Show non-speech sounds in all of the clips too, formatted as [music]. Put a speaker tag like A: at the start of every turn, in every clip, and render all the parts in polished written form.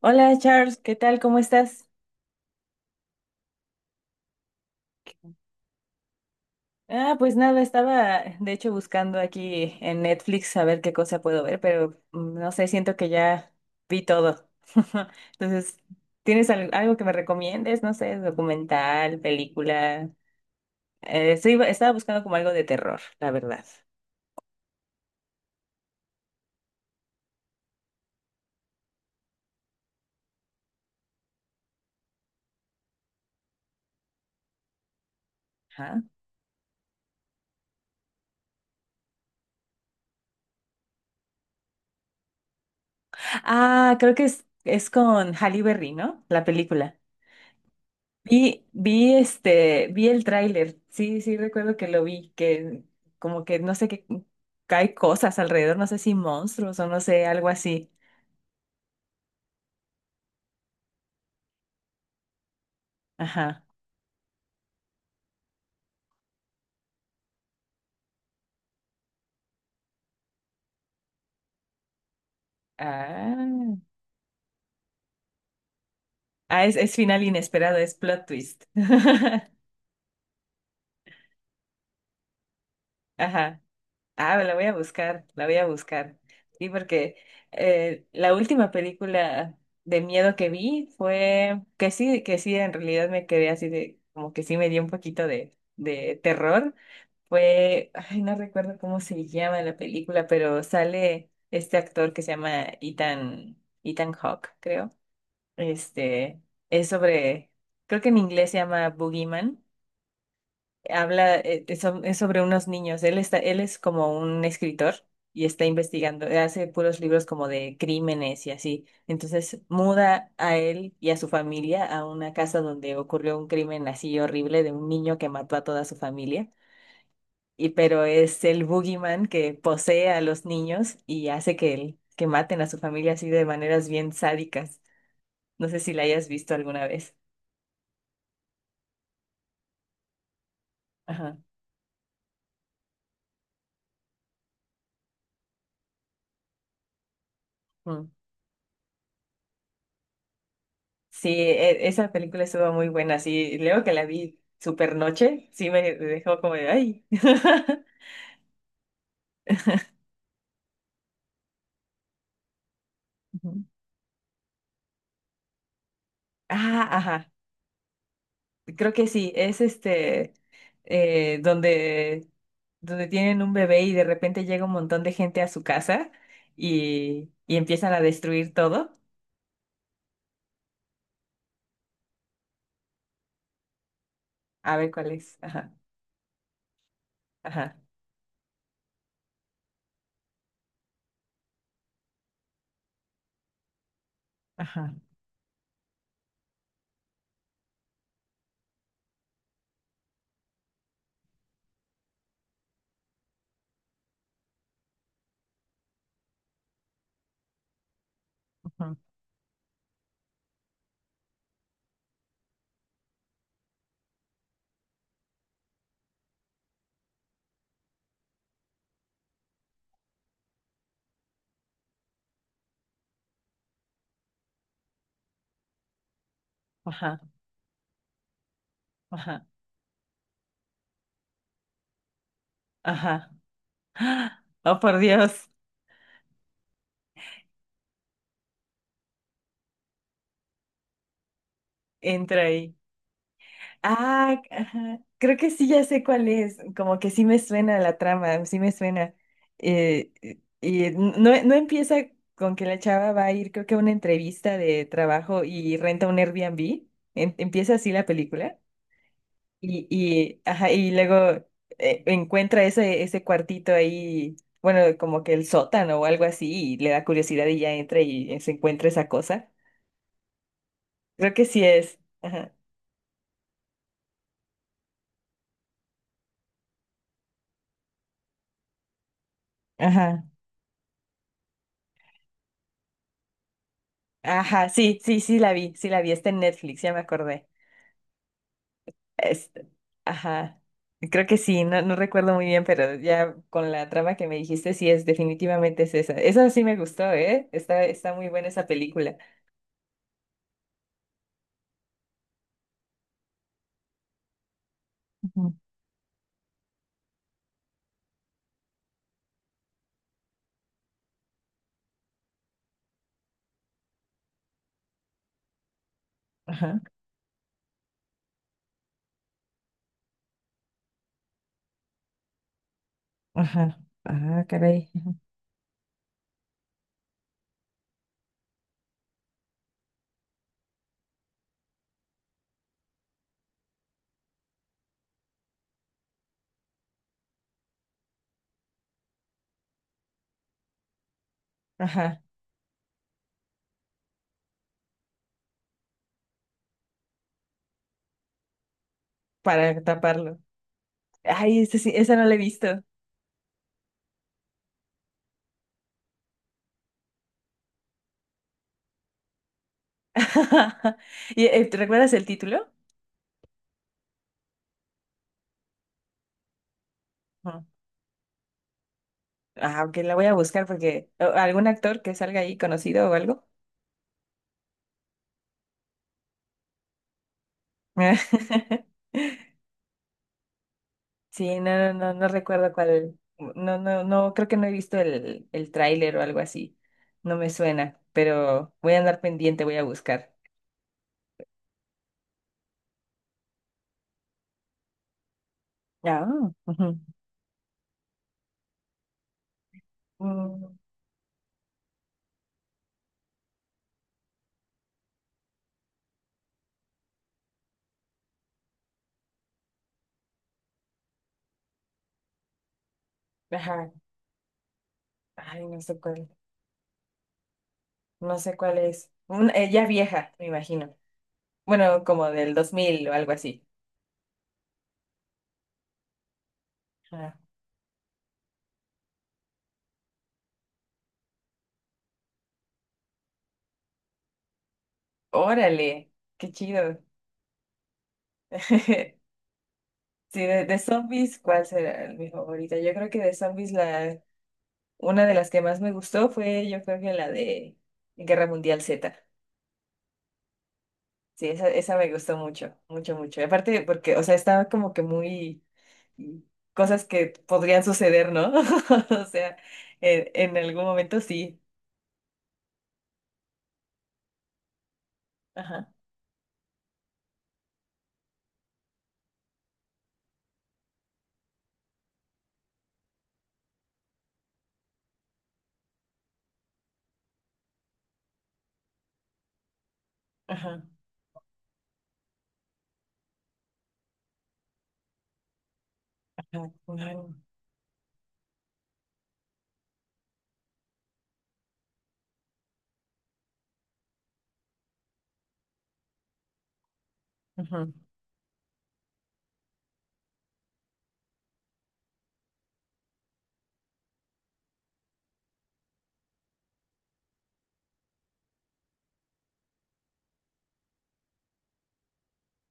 A: Hola Charles, ¿qué tal? ¿Cómo estás? Ah, pues nada, estaba de hecho buscando aquí en Netflix a ver qué cosa puedo ver, pero no sé, siento que ya vi todo. [laughs] Entonces, ¿tienes algo que me recomiendes? No sé, documental, película. Estaba buscando como algo de terror, la verdad. Ajá. Ah, creo que es con Halle Berry, ¿no? La película. Vi este, vi el tráiler. Sí, sí, recuerdo que lo vi, que como que no sé qué hay cosas alrededor, no sé si monstruos o no sé, algo así. Ajá. Ah, ah es final inesperado, es plot twist. [laughs] Ajá. Ah, la voy a buscar, la voy a buscar. Sí, porque la última película de miedo que vi fue que sí, en realidad me quedé así de, como que sí me dio un poquito de terror. Fue, ay, no recuerdo cómo se llama la película, pero sale este actor que se llama Ethan Hawke, creo. Este, es sobre, creo que en inglés se llama Boogeyman. Habla, es, es sobre unos niños. Él está, él es como un escritor y está investigando, hace puros libros como de crímenes y así. Entonces muda a él y a su familia a una casa donde ocurrió un crimen así horrible de un niño que mató a toda su familia y pero es el boogeyman que posee a los niños y hace que, que maten a su familia así de maneras bien sádicas. No sé si la hayas visto alguna vez. Ajá. Mm. Sí, esa película estuvo muy buena. Sí, luego que la vi super noche, sí me dejó como de ay. [laughs] Ujú. Ah, ajá. Creo que sí. Es este donde donde tienen un bebé y de repente llega un montón de gente a su casa y empiezan a destruir todo. A ver cuál es. Ajá, ajá, ajá, ajá, ajá, ajá. Ajá. Oh, por Dios, entra ahí. Ah, ajá. Creo que sí, ya sé cuál es. Como que sí me suena la trama, sí me suena. Y no, no empieza con que la chava va a ir, creo que a una entrevista de trabajo y renta un Airbnb. ¿Empieza así la película? Y, ajá, y luego encuentra ese cuartito ahí, bueno, como que el sótano o algo así, y le da curiosidad y ya entra y se encuentra esa cosa. Creo que sí es. Ajá. Ajá. Ajá, sí, sí, sí la vi, está en Netflix, ya me acordé. Es ajá, creo que sí, no, no recuerdo muy bien, pero ya con la trama que me dijiste, sí es, definitivamente es esa. Esa sí me gustó, ¿eh? Está, está muy buena esa película. Ujú. Ajá. Ajá. Ah, caray. Ajá. Para taparlo. Ay, esa sí, esa no la he visto. [laughs] ¿Y, ¿te recuerdas el título? No. Ah, aunque la voy a buscar porque algún actor que salga ahí conocido o algo. [laughs] Sí, no, no, no, no recuerdo cuál. No, no, no, creo que no he visto el tráiler o algo así. No me suena, pero voy a andar pendiente, voy a buscar. Ah, ujú. Mm, ajá. Ay, no sé cuál. No sé cuál es. Ya vieja, me imagino. Bueno, como del 2000 o algo así. Ah, órale, qué chido. [laughs] Sí, de zombies, ¿cuál será mi favorita? Yo creo que de zombies la, una de las que más me gustó fue, yo creo que la de Guerra Mundial Z. Sí, esa me gustó mucho, mucho, mucho. Y aparte porque, o sea, estaba como que muy mm, cosas que podrían suceder, ¿no? [laughs] O sea, en algún momento sí. Ajá, ajá, ajá, claro, ajá.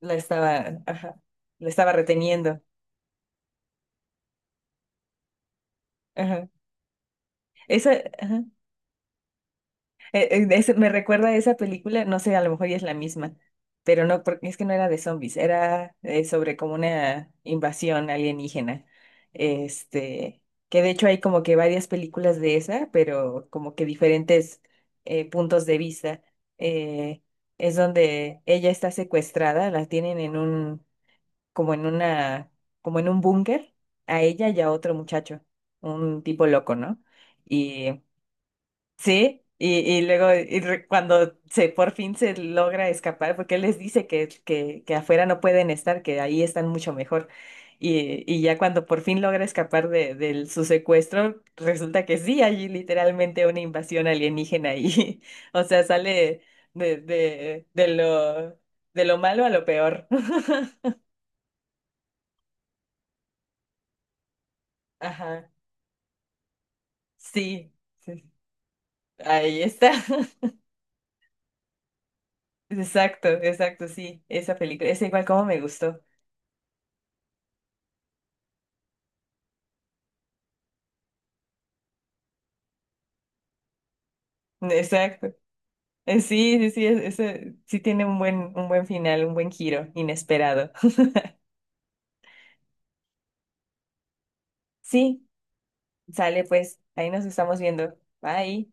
A: La estaba, ajá, la estaba reteniendo. Ajá. Esa, ajá. Me recuerda a esa película, no sé, a lo mejor ya es la misma, pero no, porque es que no era de zombies, era sobre como una invasión alienígena. Este, que de hecho hay como que varias películas de esa, pero como que diferentes puntos de vista. Eh, es donde ella está secuestrada, la tienen en un, como en una, como en un búnker, a ella y a otro muchacho, un tipo loco, ¿no? Sí, y luego y cuando se por fin se logra escapar, porque él les dice que afuera no pueden estar, que ahí están mucho mejor. Y ya cuando por fin logra escapar de su secuestro, resulta que sí, hay literalmente una invasión alienígena ahí [laughs] o sea, sale de, de, de lo, de lo malo a lo peor. [laughs] Ajá, sí, sí, ahí está. [laughs] Exacto, exacto, sí, esa película, es igual como me gustó. Exacto. Sí, sí, sí, ese sí tiene un buen final, un buen giro inesperado. [laughs] Sí, sale pues, ahí nos estamos viendo. Bye.